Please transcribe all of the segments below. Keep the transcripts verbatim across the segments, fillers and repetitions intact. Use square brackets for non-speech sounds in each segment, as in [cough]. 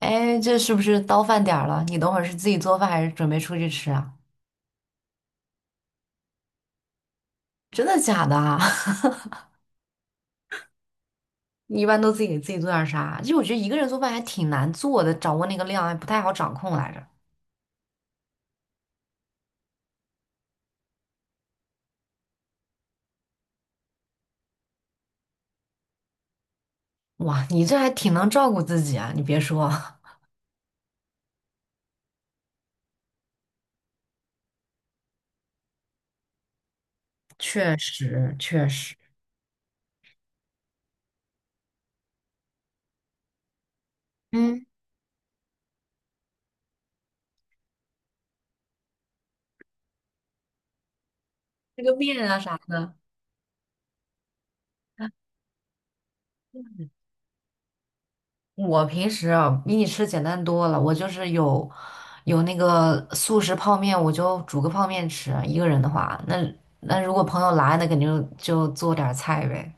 哎，这是不是到饭点儿了？你等会儿是自己做饭还是准备出去吃啊？真的假的啊？[laughs] 你一般都自己给自己做点儿啥？就我觉得一个人做饭还挺难做的，掌握那个量还不太好掌控来着。哇，你这还挺能照顾自己啊！你别说，[laughs] 确实确实，嗯，这个面啊啥的，我平时啊比你吃简单多了。我就是有有那个速食泡面，我就煮个泡面吃。一个人的话，那那如果朋友来，那肯定就做点儿菜呗。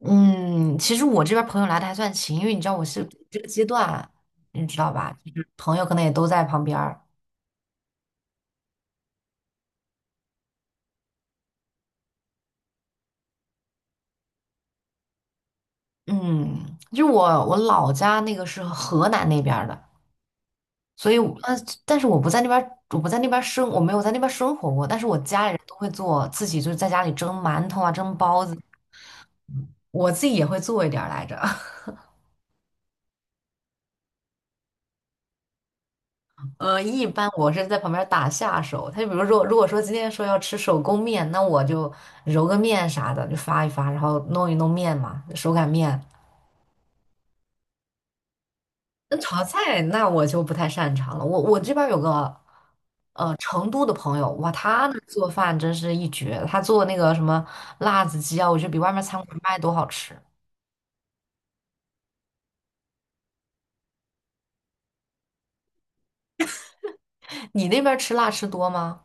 嗯，其实我这边朋友来的还算勤，因为你知道我是这个阶段，你知道吧？就是朋友可能也都在旁边儿。嗯，就是我我老家那个是河南那边儿的，所以我呃，但是我不在那边儿，我不在那边儿生，我没有在那边儿生活过。但是我家里人都会做，自己就是在家里蒸馒头啊，蒸包子，我自己也会做一点儿来着。呃，一般我是在旁边打下手。他就比如说，如果说今天说要吃手工面，那我就揉个面啥的，就发一发，然后弄一弄面嘛，手擀面。那炒菜那我就不太擅长了。我我这边有个呃成都的朋友，哇，他那做饭真是一绝。他做那个什么辣子鸡啊，我觉得比外面餐馆卖都好吃。[laughs] 你那边吃辣吃多吗？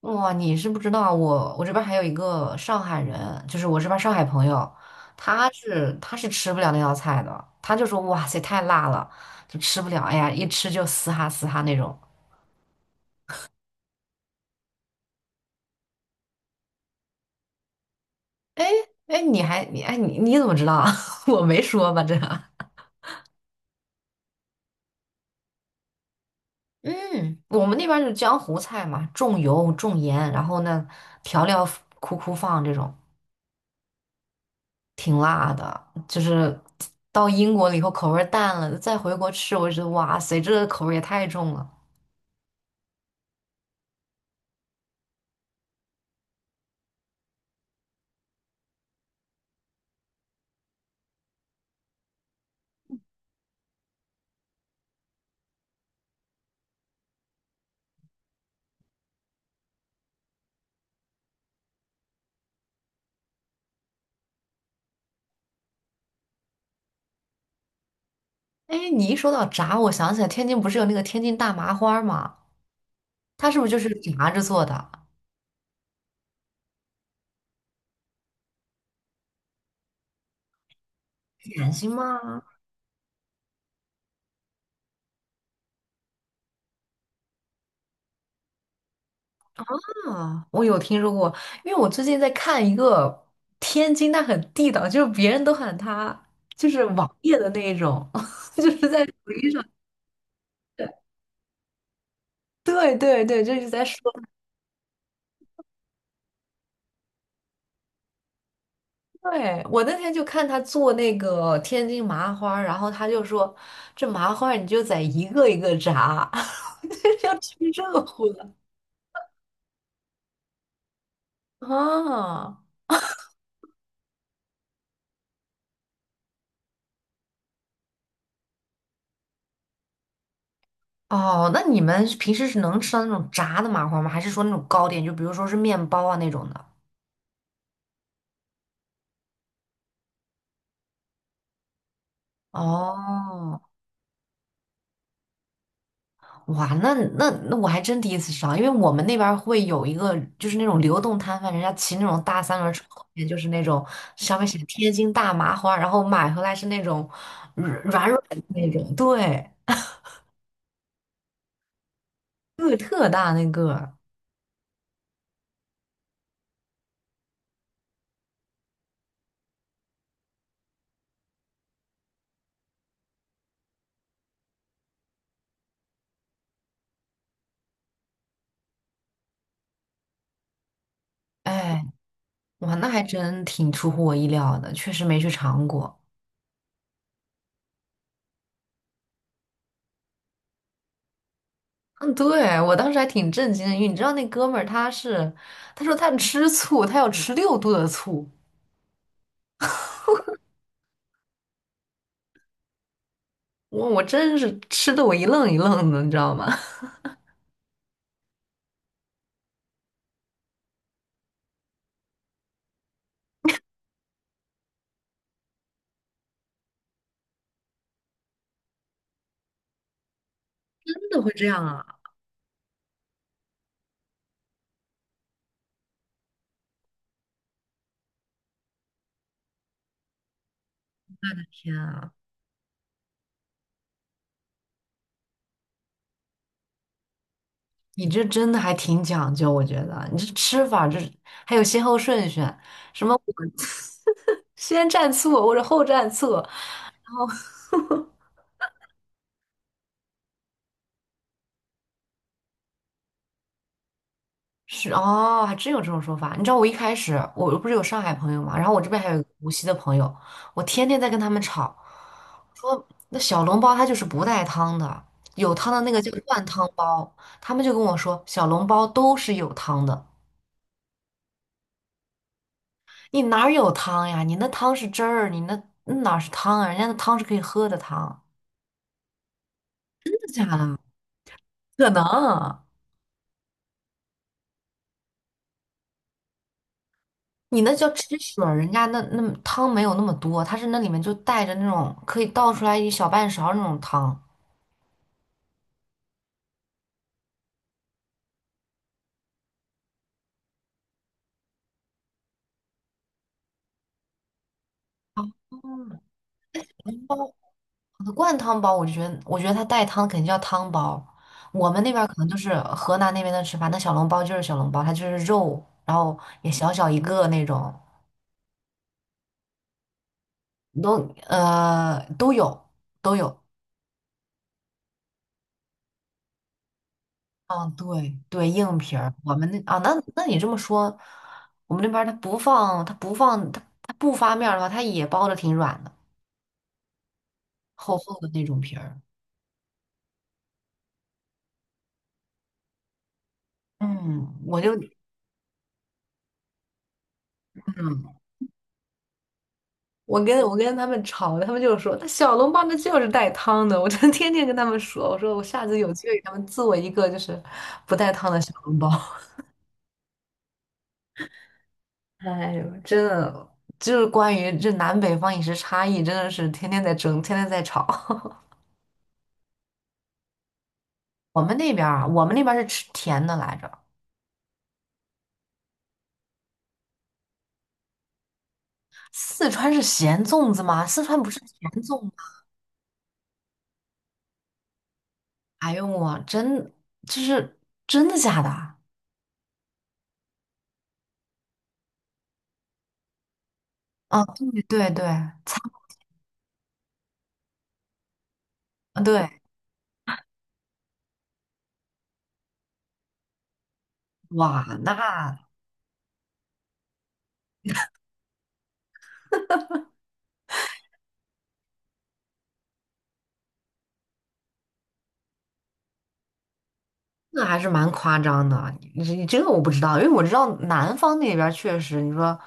哇，你是不知道我，我这边还有一个上海人，就是我这边上海朋友，他是他是吃不了那道菜的，他就说哇塞太辣了，就吃不了，哎呀一吃就嘶哈嘶哈那种。哎，你还你哎你你怎么知道啊 [laughs] 我没说吧这？嗯，我们那边就是江湖菜嘛，重油重盐，然后呢调料苦苦放这种，挺辣的。就是到英国了以后口味儿淡了，再回国吃，我就觉得哇塞这个口味儿也太重了。哎，你一说到炸，我想起来天津不是有那个天津大麻花儿吗？它是不是就是炸着做的？点心吗？啊，我有听说过，因为我最近在看一个天津，它很地道，就是别人都喊它就是网页的那一种，[laughs] 就是在抖音上。对对对，就是在说。对，我那天就看他做那个天津麻花儿，然后他就说这麻花儿你就在一个一个炸，[laughs] 要吃热乎的啊。[laughs] 哦，那你们平时是能吃到那种炸的麻花吗？还是说那种糕点，就比如说是面包啊那种的？哦，哇，那那那我还真第一次吃到，因为我们那边儿会有一个就是那种流动摊贩，人家骑那种大三轮车，后面就是那种上面写着天津大麻花，然后买回来是那种软软软的那种，对，个特大那个，哎，哇，那还真挺出乎我意料的，确实没去尝过。嗯，对，我当时还挺震惊的，因为你知道那哥们儿他是，他说他吃醋，他要吃六度的醋，我我真是吃的我一愣一愣的，你知道吗？[laughs] 真的会这样啊！天啊，你这真的还挺讲究，我觉得你这吃法这还有先后顺序，什么先蘸醋或者后蘸醋，是哦，还真有这种说法。你知道我一开始我不是有上海朋友嘛，然后我这边还有一个无锡的朋友，我天天在跟他们吵，说那小笼包它就是不带汤的，有汤的那个叫灌汤包。他们就跟我说小笼包都是有汤的，你哪儿有汤呀？你那汤是汁儿，你那那哪是汤啊？人家那汤是可以喝的汤，真的假的？[laughs] 可能。你那叫汁水儿人家那那汤没有那么多，它是那里面就带着那种可以倒出来一小半勺儿那种汤。哦，汤包，灌汤包，我就觉得，我觉得它带汤肯定叫汤包。我们那边儿可能就是河南那边的吃法，那小笼包就是小笼包，它就是肉，然后也小小一个那种，都呃都有都有。嗯，对对，硬皮儿。我们那啊，那那你这么说，我们那边儿它不放，它不放，它它不发面儿的话，它也包的挺软的，厚厚的那种皮儿。嗯，我就嗯。我跟我跟他们吵，他们就说那小笼包那就是带汤的，我就天天跟他们说，我说我下次有机会给他们做一个就是不带汤的小笼包。[laughs] 哎呦，真的就是关于这南北方饮食差异，真的是天天在争，天天在吵。[laughs] 我们那边儿啊，我们那边儿是吃甜的来着，四川是咸粽子吗？四川不是甜粽吗？哎呦我真就是真的假的啊？对对对，擦对，哇那。那还是蛮夸张的，你你这个我不知道，因为我知道南方那边儿确实，你说，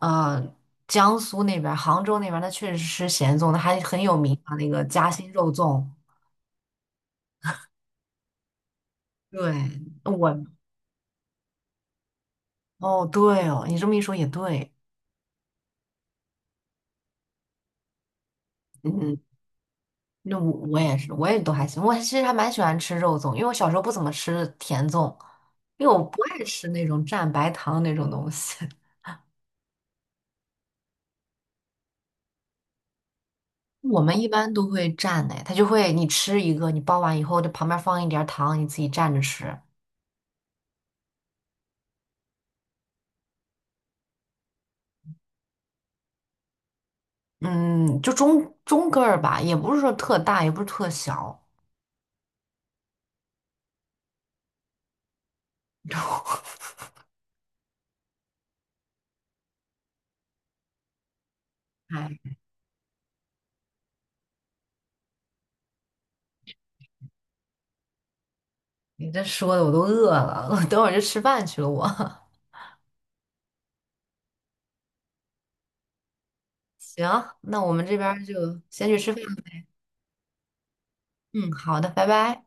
呃，江苏那边儿杭州那边儿，那确实吃咸粽，那还很有名啊，那个夹心肉粽。对，我哦，对哦，你这么一说也对，嗯，那我我也是，我也都还行，我其实还蛮喜欢吃肉粽，因为我小时候不怎么吃甜粽，因为我不爱吃那种蘸白糖那种东西。我们一般都会蘸的，他就会你吃一个，你包完以后，这旁边放一点儿糖，你自己蘸着吃。嗯，就中中个儿吧，也不是说特大，也不是特小。哎，你这说的我都饿了，我等会儿就吃饭去了我。[laughs] 行，那我们这边儿就先去吃饭。嗯，好的，拜拜。